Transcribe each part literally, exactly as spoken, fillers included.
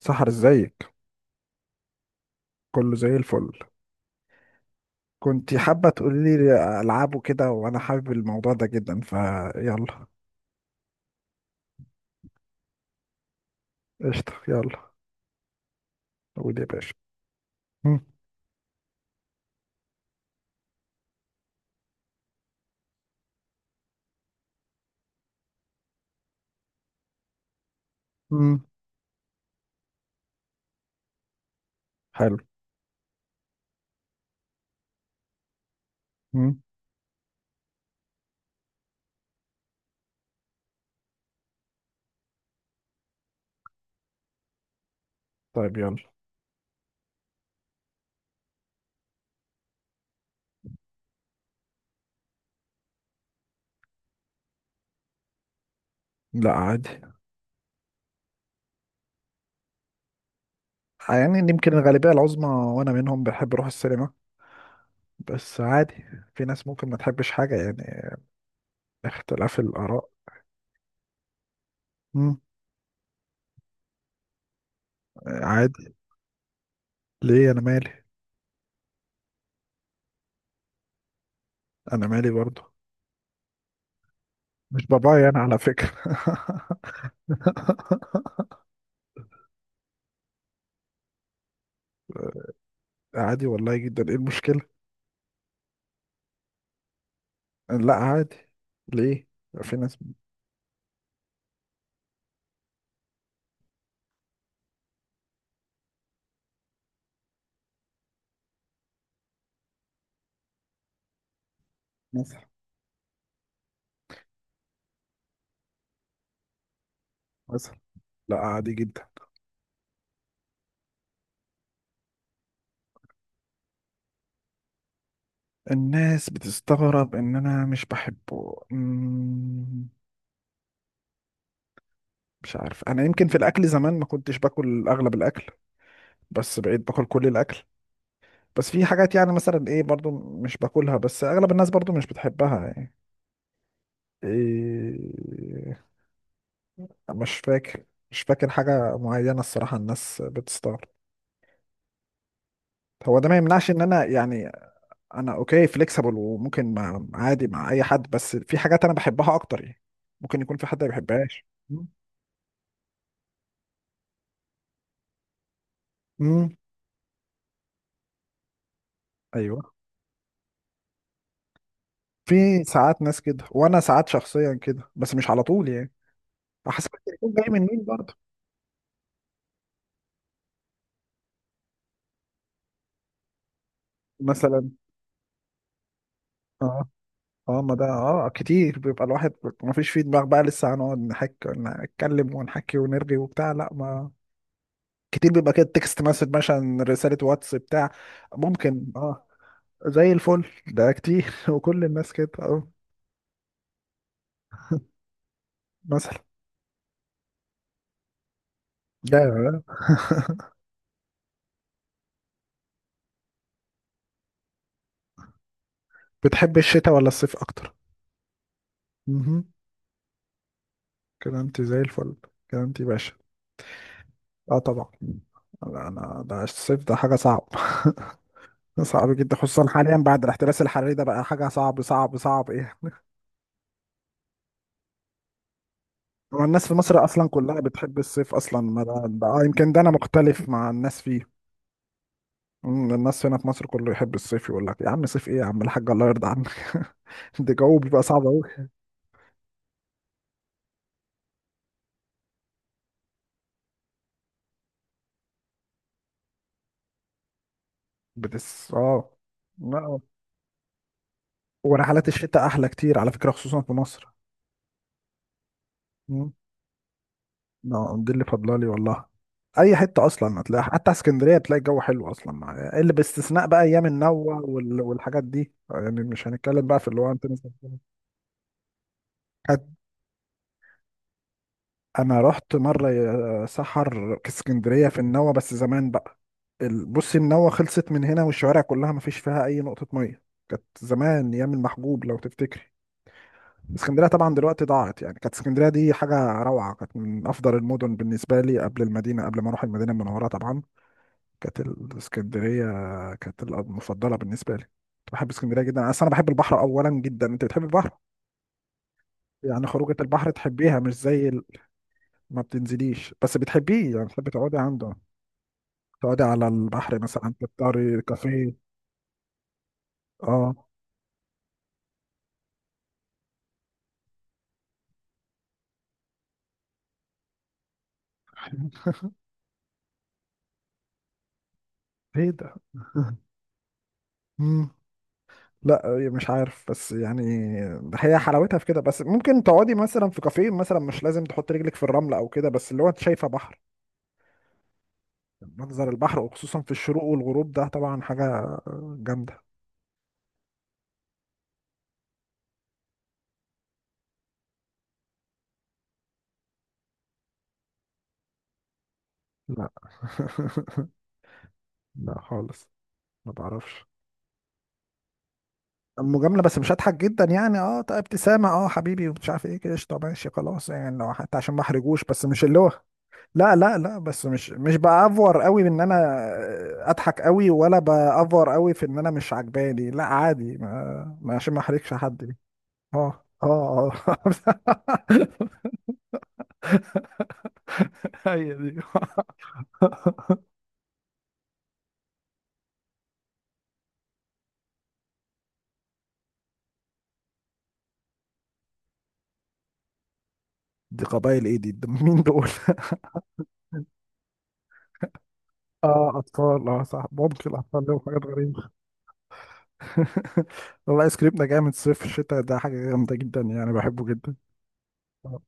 سحر، ازيك؟ كله زي الفل. كنت حابة تقولي لي ألعابه كده، وأنا حابب الموضوع ده جدا، فيلا. قشطة، يلا. قول يا باشا. مم. مم. حلو. مم. طيب، يلا. لا، عادي. يعني يمكن الغالبية العظمى، وأنا منهم، بحب أروح السينما، بس عادي. في ناس ممكن ما تحبش حاجة يعني. اختلاف الآراء. مم. عادي. ليه؟ أنا مالي. أنا مالي برضه. مش بابايا أنا على فكرة. عادي والله جدا، إيه المشكلة؟ لا، عادي. ليه؟ في ناس. مثلا. مثلا. لا، عادي جدا. الناس بتستغرب ان انا مش بحبه. أمم، مش عارف، انا يمكن في الاكل زمان ما كنتش باكل اغلب الاكل، بس بقيت باكل كل الاكل. بس في حاجات يعني، مثلا ايه برضو، مش باكلها، بس اغلب الناس برضو مش بتحبها يعني. إيه. مش فاكر مش فاكر حاجة معينة، الصراحة الناس بتستغرب. هو ده ما يمنعش ان انا يعني، انا اوكي فليكسبل، وممكن مع عادي مع اي حد، بس في حاجات انا بحبها اكتر يعني، ممكن يكون في حد ما بيحبهاش. امم. ايوه. في ساعات ناس كده، وانا ساعات شخصيا كده، بس مش على طول يعني، على حسب يكون جاي من مين برضه. مثلا. اه. اه، ما ده اه كتير بيبقى الواحد ما فيش في دماغ بقى، لسه هنقعد نحك، نتكلم ونحكي ونرغي وبتاع، لا ما. كتير بيبقى كده تكست مسج، مثلا رسالة واتس بتاع. ممكن، اه. زي الفل، ده كتير وكل الناس كده، اه. مثلا. يا. بتحب الشتاء ولا الصيف اكتر؟ مهم. كلامتي زي الفل. كلامتي باشا. اه، طبعا. لا، انا ده الصيف ده حاجه صعب. صعب جدا، خصوصا حاليا بعد الاحتباس الحراري، ده بقى حاجه صعب صعب صعب، ايه. هو الناس في مصر اصلا كلها بتحب الصيف اصلا، ما ده, ده آه، يمكن ده انا مختلف مع الناس فيه. أمم، الناس هنا في مصر كله يحب الصيف، يقول لك يا عم صيف ايه، يا عم الحاج الله يرضى عنك. ده جو بيبقى صعب قوي. بتس، اه. لا. ورحلات الشتاء احلى كتير على فكره، خصوصا في مصر. اه، دي اللي فاضله لي والله. اي حته اصلا هتلاقي، حتى اسكندريه بتلاقي الجو حلو اصلا، مع اللي باستثناء بقى ايام النوة وال... والحاجات دي يعني، مش هنتكلم بقى في اللي هو انت مثلا. حت- انا رحت مره يا سحر اسكندريه في النوة، بس زمان بقى. ال- بصي النوة خلصت من هنا، والشوارع كلها ما فيش فيها اي نقطه ميه. كانت زمان ايام المحجوب، لو تفتكري. اسكندريه طبعا دلوقتي ضاعت يعني، كانت اسكندريه دي حاجه روعه، كانت من افضل المدن بالنسبه لي، قبل المدينه، قبل ما اروح المدينه المنوره طبعا. كانت الاسكندريه كانت المفضله بالنسبه لي، كنت بحب اسكندريه جدا، اصل انا بحب البحر اولا جدا. انت بتحب البحر؟ يعني خروجه البحر تحبيها، مش زي ال... ما بتنزليش، بس بتحبيه يعني، بتحبي تقعدي عنده، تقعدي على البحر مثلا، تفطري كافيه. اه. ايه ده؟ مم. لا، مش عارف بس يعني، هي حلاوتها في كده، بس ممكن تقعدي مثلا في كافيه، مثلا مش لازم تحط رجلك في الرمل او كده، بس اللي هو انت شايفه بحر. منظر البحر، وخصوصا في الشروق والغروب، ده طبعا حاجة جامدة. لا. لا خالص. ما بعرفش. مجاملة، بس مش هضحك جدا يعني، اه طيب ابتسامة، اه حبيبي ومش عارف ايه كده، قشطة، ماشي، خلاص يعني، لو حتى عشان ما احرجوش، بس مش اللي هو. لا لا لا، بس مش مش بأفور قوي بان انا اضحك قوي، ولا بأفور قوي في ان انا مش عجباني، لا عادي، ما ما- عشان ما احرجش حد. اه اه اه. هي دي. دي قبائل ايه دي, دي مين دول؟ اه اطفال، اه صح، ممكن الاطفال لهم حاجات غريبة. والله ايس كريم ده جامد صيف الشتاء ده حاجة جامدة جدا يعني، بحبه جدا. آه.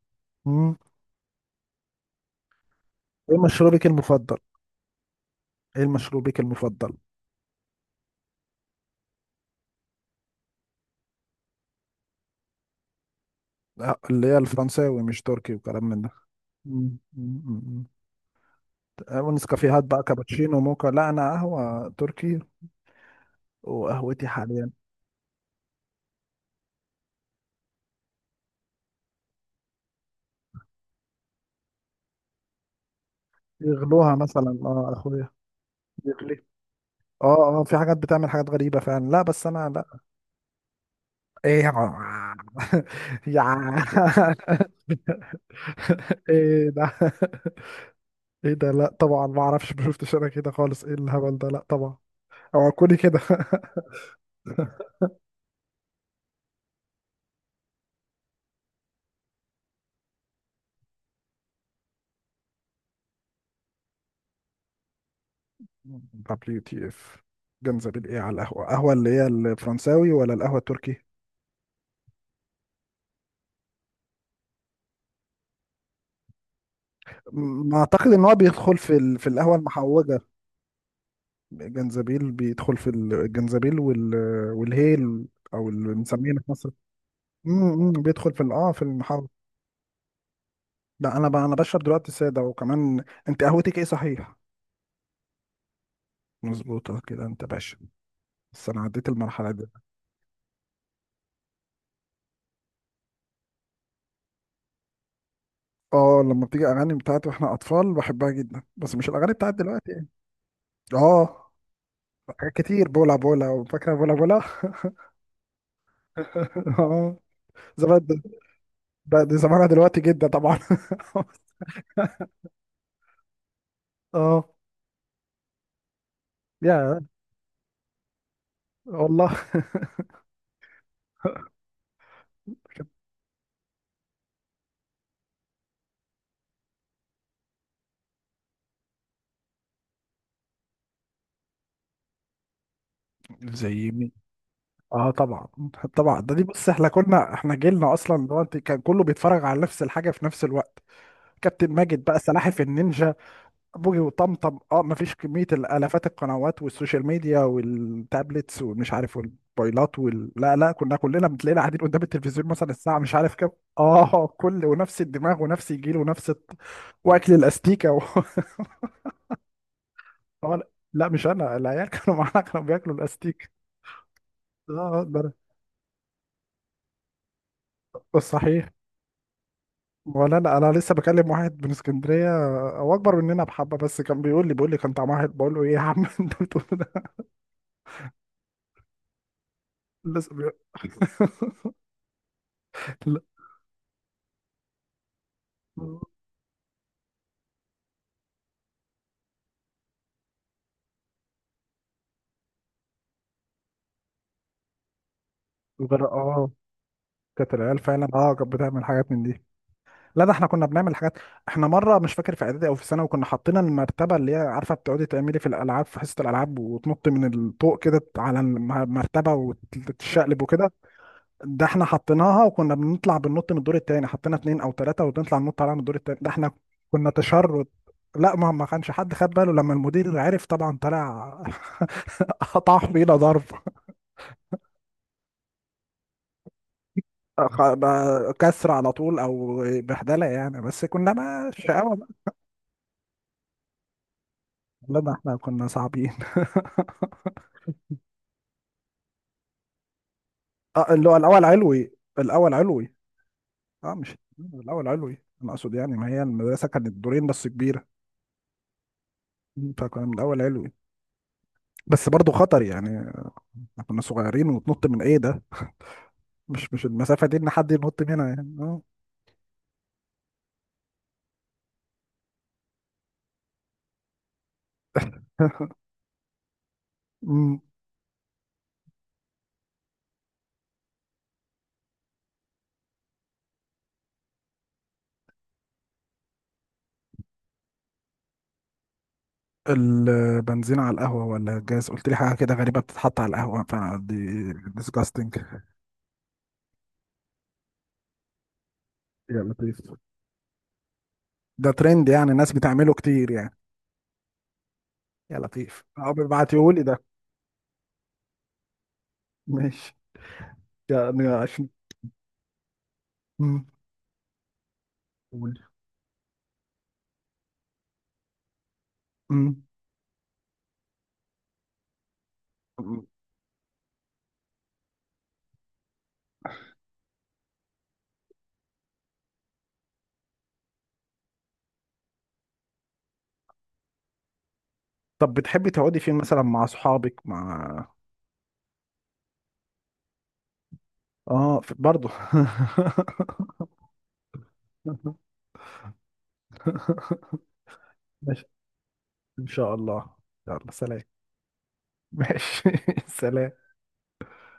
مم. ايه مشروبك المفضل؟ ايه مشروبك المفضل؟ لا، اللي هي الفرنساوي، مش تركي وكلام من ده. مم. مم. مم. آه، ونسكافيهات بقى كابتشينو موكا، لا انا قهوة تركي. وقهوتي حاليا. يغلوها مثلا، اه يا اخويا. يغلي. اه اه، في حاجات بتعمل حاجات غريبة فعلا، لا بس انا لا. ايه يا عم- يا عم. ايه ده؟ ايه ده؟ لا طبعا، ما اعرفش، ما شفتش انا كده خالص، ايه الهبل ده، لا طبعا. او كوني كده. دبليو تي اف. جنزبيل ايه على القهوه؟ قهوه اللي هي الفرنساوي ولا القهوه التركي؟ م- ما اعتقد ان هو بيدخل في ال... في القهوه المحوجه. جنزبيل بيدخل في الجنزبيل وال... والهيل، او اللي بنسميه في مصر. امم بيدخل في ال- اه في المحوج. لا، انا ب... انا بشرب دلوقتي ساده، وكمان انت قهوتك ايه، صحيح؟ مظبوطة كده انت باشا، بس انا عديت المرحلة دي. اه لما بتيجي اغاني بتاعت واحنا اطفال بحبها جدا، بس مش الاغاني بتاعت دلوقتي يعني. اه. حاجات كتير، بولا بولا، وفاكرة بولا بولا. اه. زمان ده. ده- دي زمانها دلوقتي جدا طبعا. اه. يا والله. زي مين؟ اه طبعا. طبعا، ده دي بص احنا كنا، احنا جيلنا اصلا، اللي هو انت كان كله بيتفرج على نفس الحاجه في نفس الوقت. كابتن ماجد بقى، سلاحف النينجا، بوجي وطمطم. اه مفيش كمية الآلافات، القنوات والسوشيال ميديا والتابلتس ومش عارف، والموبايلات وال... لا لا، كنا كلنا بتلاقينا قاعدين قدام التلفزيون مثلا الساعة مش عارف كام. اه، كل ونفس الدماغ، ونفس الجيل، ونفس الط-، واكل الاستيكة و... آه، لا لا، مش انا العيال كانوا معانا كانوا بياكلوا الاستيك. اه. آه، ده أنا. بس صحيح. ولا لا، انا لسه بكلم واحد من اسكندريه، آه، هو اكبر مننا بحبه، بس كان بيقول لي بيقول لي كان طعمها حلو، بقول له ايه يا عم انت بتقول ده. لسه بيقول. لا. وجر- اه، كانت العيال فعلا، اه كانت بتعمل حاجات من دي. لا، ده احنا كنا بنعمل حاجات. احنا مره مش فاكر، في اعدادي او في ثانوي كنا حاطين المرتبه، اللي هي عارفه بتقعدي تعملي في الالعاب في حصه الالعاب، وتنطي من الطوق كده على المرتبه وتتشقلب وكده. ده احنا حطيناها وكنا بنطلع بننط من الدور التاني، حطينا اتنين او تلاته وبنطلع ننط عليها من الدور التاني، ده احنا كنا تشرد. لا، ما ما كانش حد خد باله، لما المدير عرف طبعا طلع قطع فينا ضرب. خ- ب- كسر على طول او بهدله يعني، بس كنا ما شقاوه بقى، لما احنا كنا صعبين. اه، اللي هو الاول علوي. الاول علوي. اه مش، الاول علوي انا اقصد يعني، ما هي المدرسه كانت دورين بس كبيره، فكنا من الاول علوي، بس برضو خطر يعني، احنا كنا صغيرين، وتنط من ايه ده، مش مش المسافه دي ان حد ينط منها يعني، اه. أمم. البنزين على القهوه ولا الجاز؟ قلت لي حاجه كده غريبه بتتحط على القهوه، فدي disgusting. يا لطيف، ده ترند يعني الناس بتعمله كتير يعني. يا لطيف، اه بيبعتيهولي ده. ماشي، يعني عشان. مم. قول. مم. مم. طب بتحبي تقعدي فين مثلا، مع صحابك، مع. اه في... برضه. ماشي. ان شاء الله. يلا سلام. ماشي. سلام.